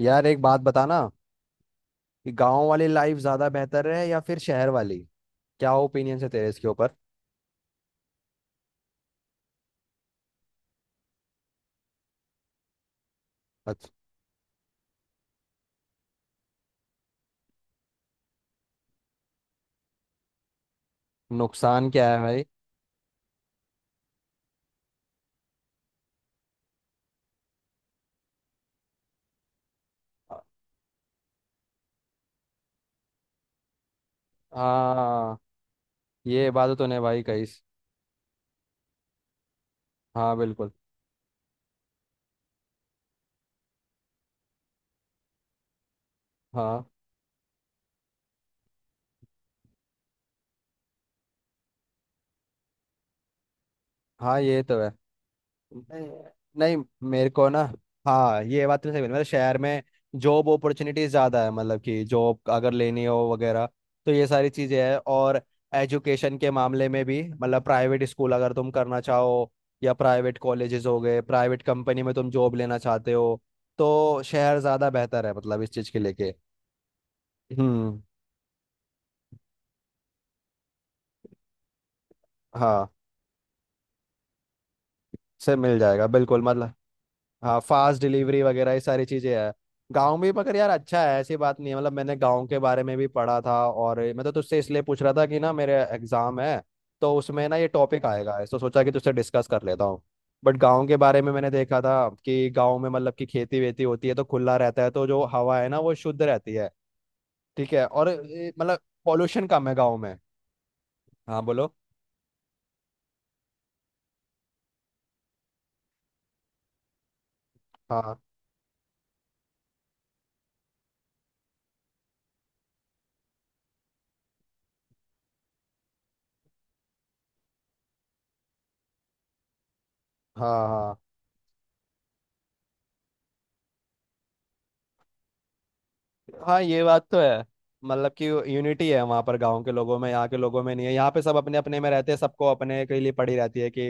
यार एक बात बताना कि गांव वाली लाइफ ज्यादा बेहतर है या फिर शहर वाली। क्या ओपिनियन है तेरे इसके ऊपर? अच्छा। नुकसान क्या है भाई? हाँ, ये बात तो तूने भाई कही। हाँ बिल्कुल। हाँ हाँ, ये तो है। नहीं नहीं, मेरे को ना, हाँ ये बात तो सही बोली, मतलब शहर में जॉब अपॉर्चुनिटीज ज़्यादा है, मतलब कि जॉब अगर लेनी हो वगैरह तो ये सारी चीज़ें हैं। और एजुकेशन के मामले में भी, मतलब प्राइवेट स्कूल अगर तुम करना चाहो या प्राइवेट कॉलेजेस हो गए, प्राइवेट कंपनी में तुम जॉब लेना चाहते हो तो शहर ज़्यादा बेहतर है, मतलब इस चीज़ के लेके। हम्म। हाँ, से मिल जाएगा बिल्कुल, मतलब, हाँ फास्ट डिलीवरी वगैरह, ये सारी चीजें है गांव में। मगर यार अच्छा है, ऐसी बात नहीं है, मतलब मैंने गांव के बारे में भी पढ़ा था, और मैं तो तुझसे इसलिए पूछ रहा था कि ना, मेरे एग्जाम है तो उसमें ना ये टॉपिक आएगा तो सोचा कि तुझसे डिस्कस कर लेता हूँ। बट गांव के बारे में मैंने देखा था कि गांव में, मतलब कि खेती वेती होती है तो खुला रहता है, तो जो हवा है ना वो शुद्ध रहती है। ठीक है और मतलब पॉल्यूशन कम है गाँव में। हाँ बोलो। हाँ हाँ। हाँ हाँ, ये बात तो है। मतलब कि यूनिटी है वहाँ पर गांव के लोगों में, यहाँ के लोगों में नहीं है, यहाँ पे सब अपने अपने में रहते हैं, सबको अपने के लिए पड़ी रहती है कि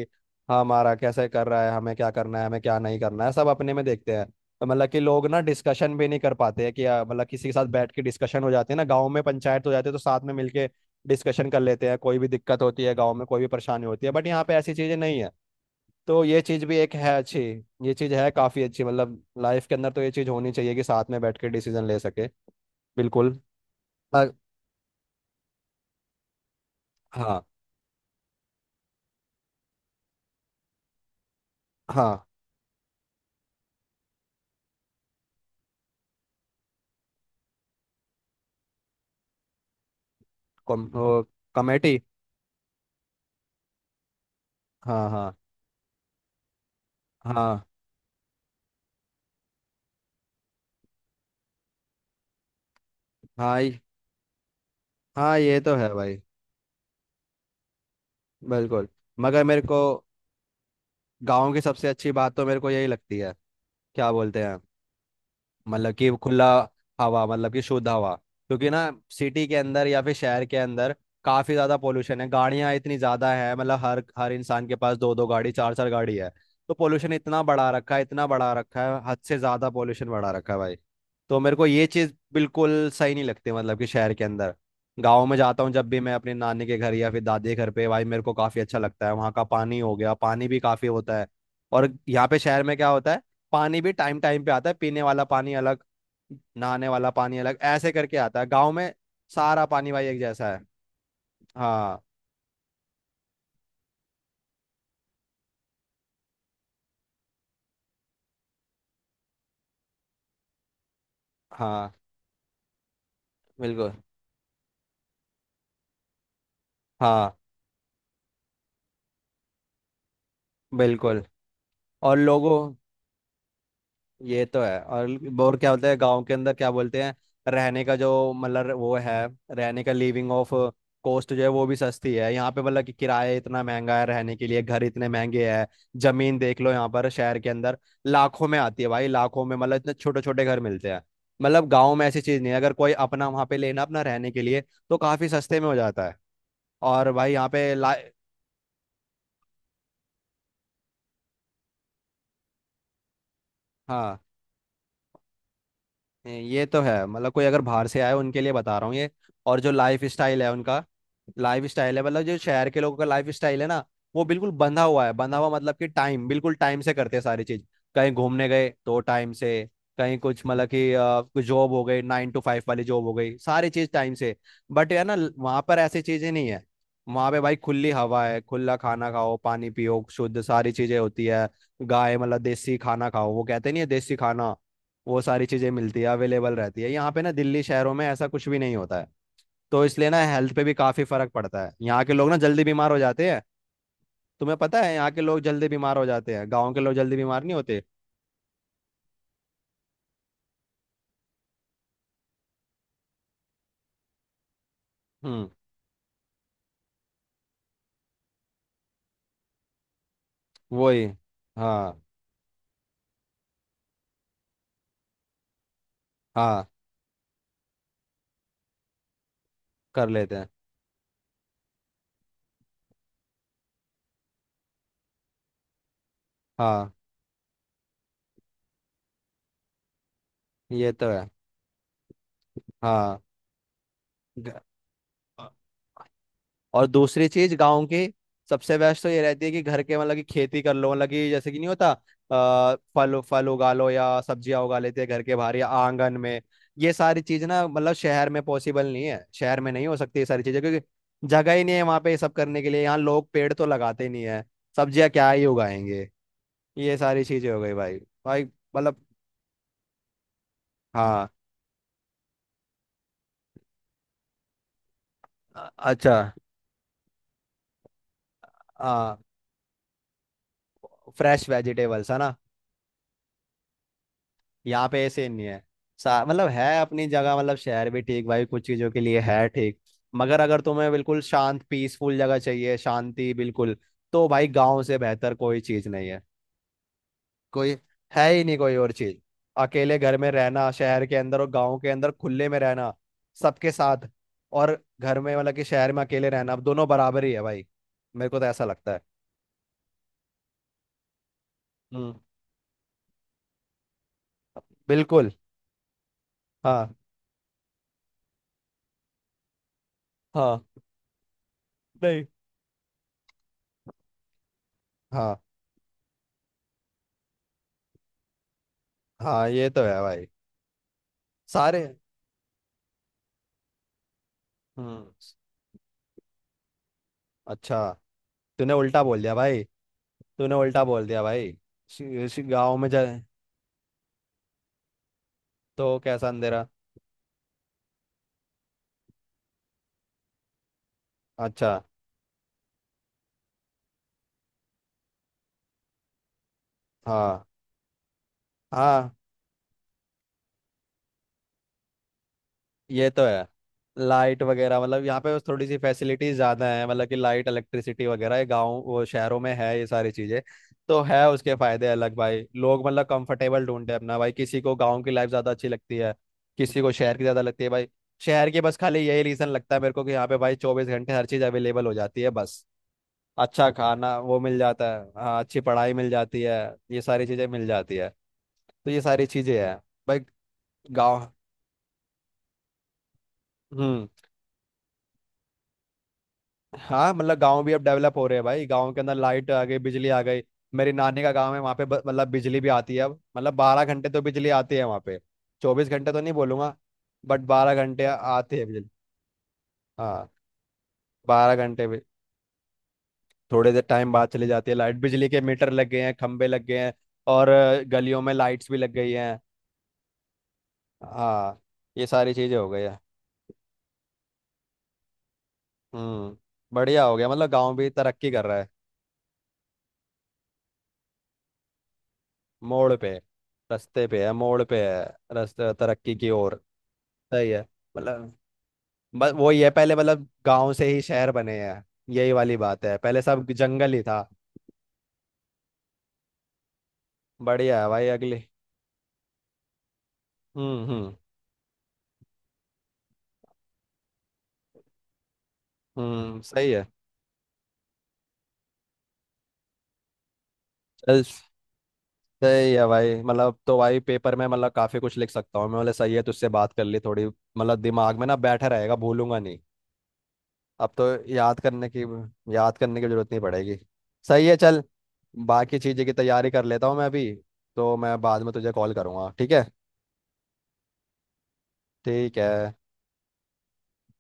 हाँ, हमारा कैसे कर रहा है, हमें क्या करना है, हमें क्या नहीं करना है, सब अपने में देखते हैं। तो मतलब कि लोग ना डिस्कशन भी नहीं कर पाते हैं कि मतलब किसी के साथ बैठ के डिस्कशन हो जाते हैं ना, गाँव में पंचायत हो जाती है तो साथ में मिलके डिस्कशन कर लेते हैं, कोई भी दिक्कत होती है गाँव में, कोई भी परेशानी होती है। बट यहाँ पे ऐसी चीज़ें नहीं है। तो ये चीज़ भी एक है अच्छी। ये चीज़ है काफ़ी अच्छी, मतलब लाइफ के अंदर तो ये चीज़ होनी चाहिए कि साथ में बैठ के डिसीजन ले सके। बिल्कुल। अ- हाँ। हाँ कम, वो, कमेटी। हाँ हाँ। हाँ हाँ हाँ, ये तो है भाई। बिल्कुल। मगर मेरे को गांव की सबसे अच्छी बात तो मेरे को यही लगती है, क्या बोलते हैं, मतलब कि खुला हवा, मतलब कि शुद्ध हवा। क्योंकि ना सिटी के अंदर या फिर शहर के अंदर काफी ज्यादा पोल्यूशन है, गाड़ियां इतनी ज्यादा है, मतलब हर हर इंसान के पास दो दो गाड़ी, चार चार गाड़ी है, तो पोल्यूशन इतना बढ़ा रखा है, इतना बढ़ा रखा है, हद से ज्यादा पोल्यूशन बढ़ा रखा है भाई। तो मेरे को ये चीज बिल्कुल सही नहीं लगती, मतलब कि शहर के अंदर। गाँव में जाता हूँ जब भी मैं, अपने नानी के घर या फिर दादी के घर पे, भाई मेरे को काफी अच्छा लगता है, वहाँ का पानी हो गया, पानी भी काफी होता है। और यहाँ पे शहर में क्या होता है, पानी भी टाइम टाइम पे आता है, पीने वाला पानी अलग, नहाने वाला पानी अलग, ऐसे करके आता है। गांव में सारा पानी भाई एक जैसा है। हाँ। हाँ बिल्कुल। हाँ बिल्कुल। और लोगों, ये तो है। और क्या बोलते हैं गांव के अंदर, क्या बोलते हैं, रहने का जो मतलब वो है, रहने का लिविंग ऑफ कॉस्ट जो है वो भी सस्ती है। यहाँ पे मतलब कि किराया इतना महंगा है, रहने के लिए घर इतने महंगे हैं, जमीन देख लो यहाँ पर शहर के अंदर लाखों में आती है भाई, लाखों में, मतलब इतने छोटे छोटे घर मिलते हैं। मतलब गाँव में ऐसी चीज नहीं है, अगर कोई अपना वहाँ पे लेना अपना रहने के लिए, तो काफी सस्ते में हो जाता है। और भाई यहाँ पे ला हाँ, ये तो है, मतलब कोई अगर बाहर से आए उनके लिए बता रहा हूँ ये। और जो लाइफ स्टाइल है उनका, लाइफ स्टाइल है, मतलब जो शहर के लोगों का लाइफ स्टाइल है ना, वो बिल्कुल बंधा हुआ है, बंधा हुआ मतलब कि टाइम, बिल्कुल टाइम से करते हैं सारी चीज, कहीं घूमने गए तो टाइम से, कहीं कुछ, मतलब कि कुछ जॉब हो गई 9 to 5 वाली जॉब हो गई, सारी चीज टाइम से। बट यार ना वहां पर ऐसी चीजें नहीं है, वहां पे भाई खुली हवा है, खुला खाना खाओ, पानी पियो शुद्ध, सारी चीजें होती है। गाय, मतलब देसी खाना खाओ, वो कहते नहीं है देसी खाना, वो सारी चीजें मिलती है, अवेलेबल रहती है। यहाँ पे ना दिल्ली शहरों में ऐसा कुछ भी नहीं होता है। तो इसलिए ना हेल्थ पे भी काफी फर्क पड़ता है, यहाँ के लोग ना जल्दी बीमार हो जाते हैं। तुम्हें पता है यहाँ के लोग जल्दी बीमार हो जाते हैं, गाँव के लोग जल्दी बीमार नहीं होते। हम्म। वही। हाँ हाँ, कर लेते हैं। हाँ ये तो है। हाँ ग- और दूसरी चीज गाँव की सबसे बेस्ट तो ये रहती है कि घर के, मतलब कि खेती कर लो, मतलब कि जैसे कि नहीं होता, आ, फल फल उगा लो या सब्जियां उगा लेते हैं घर के बाहर या आंगन में। ये सारी चीज ना मतलब शहर में पॉसिबल नहीं है, शहर में नहीं हो सकती ये सारी चीजें, क्योंकि जगह ही नहीं है वहां पे ये सब करने के लिए। यहाँ लोग पेड़ तो लगाते नहीं है, सब्जियां क्या ही उगाएंगे। ये सारी चीजें हो गई भाई। भाई मतलब, हाँ। अच्छा। हाँ, फ्रेश वेजिटेबल्स है ना। यहाँ पे ऐसे नहीं है। सा- मतलब है अपनी जगह, मतलब शहर भी ठीक भाई कुछ चीजों के लिए है, ठीक, मगर अगर तुम्हें बिल्कुल शांत पीसफुल जगह चाहिए, शांति बिल्कुल, तो भाई गांव से बेहतर कोई चीज नहीं है। कोई है ही नहीं कोई और चीज। अकेले घर में रहना शहर के अंदर, और गांव के अंदर खुले में रहना सबके साथ, और घर में मतलब कि शहर में अकेले रहना, अब दोनों बराबर ही है भाई। मेरे को तो ऐसा लगता है। हम्म। बिल्कुल। हाँ हाँ। नहीं हाँ। हाँ ये तो है भाई। सारे, हम्म। अच्छा, तूने उल्टा बोल दिया भाई, तूने उल्टा बोल दिया भाई। सी- सी- गाँव में जा, तो कैसा अंधेरा? अच्छा। हाँ। हाँ ये तो है। लाइट वगैरह, मतलब यहाँ पे थोड़ी सी फैसिलिटीज ज़्यादा है, मतलब कि लाइट इलेक्ट्रिसिटी वगैरह, ये गाँव वो शहरों में है ये सारी चीज़ें तो है। उसके फायदे अलग, भाई लोग मतलब कंफर्टेबल ढूंढते हैं अपना, भाई किसी को गाँव की लाइफ ज़्यादा अच्छी लगती है, किसी को शहर की ज़्यादा लगती है भाई। शहर की बस खाली यही रीज़न लगता है मेरे को कि यहाँ पे भाई 24 घंटे हर चीज़ अवेलेबल हो जाती है बस। अच्छा खाना वो मिल जाता है, हाँ अच्छी पढ़ाई मिल जाती है, ये सारी चीजें मिल जाती है, तो ये सारी चीजें हैं भाई। गांव। हम्म। हाँ, मतलब गांव भी अब डेवलप हो रहे हैं भाई, गांव के अंदर लाइट आ गई, बिजली आ गई। मेरी नानी का गांव है वहाँ पे मतलब बिजली भी आती है अब, मतलब 12 घंटे तो बिजली आती है वहाँ पे, 24 घंटे तो नहीं बोलूंगा, बट 12 घंटे आती है बिजली। हाँ। 12 घंटे भी थोड़े देर टाइम बाद चली जाती है लाइट। बिजली के मीटर लग गए हैं, खंबे लग गए हैं, और गलियों में लाइट्स भी लग गई हैं। हाँ, ये सारी चीजें हो गई है। हम्म। बढ़िया हो गया, मतलब गांव भी तरक्की कर रहा है। मोड़ पे, रास्ते पे है, मोड़ पे है, रास्ते तरक्की की ओर। सही है, मतलब बस वही है, पहले मतलब गांव से ही शहर बने हैं, यही वाली बात है, पहले सब जंगल ही था। बढ़िया है भाई अगले। हम्म हम्म हम्म। सही है चल। सही है भाई, मतलब तो भाई पेपर में मतलब काफी कुछ लिख सकता हूँ मैं, बोले सही है, तुझसे बात कर ली थोड़ी, मतलब दिमाग में ना बैठा रहेगा, भूलूंगा नहीं। अब तो याद करने की, याद करने की जरूरत नहीं पड़ेगी। सही है चल, बाकी चीज़ें की तैयारी कर लेता हूँ मैं अभी, तो मैं बाद में तुझे कॉल करूँगा, ठीक है? ठीक है।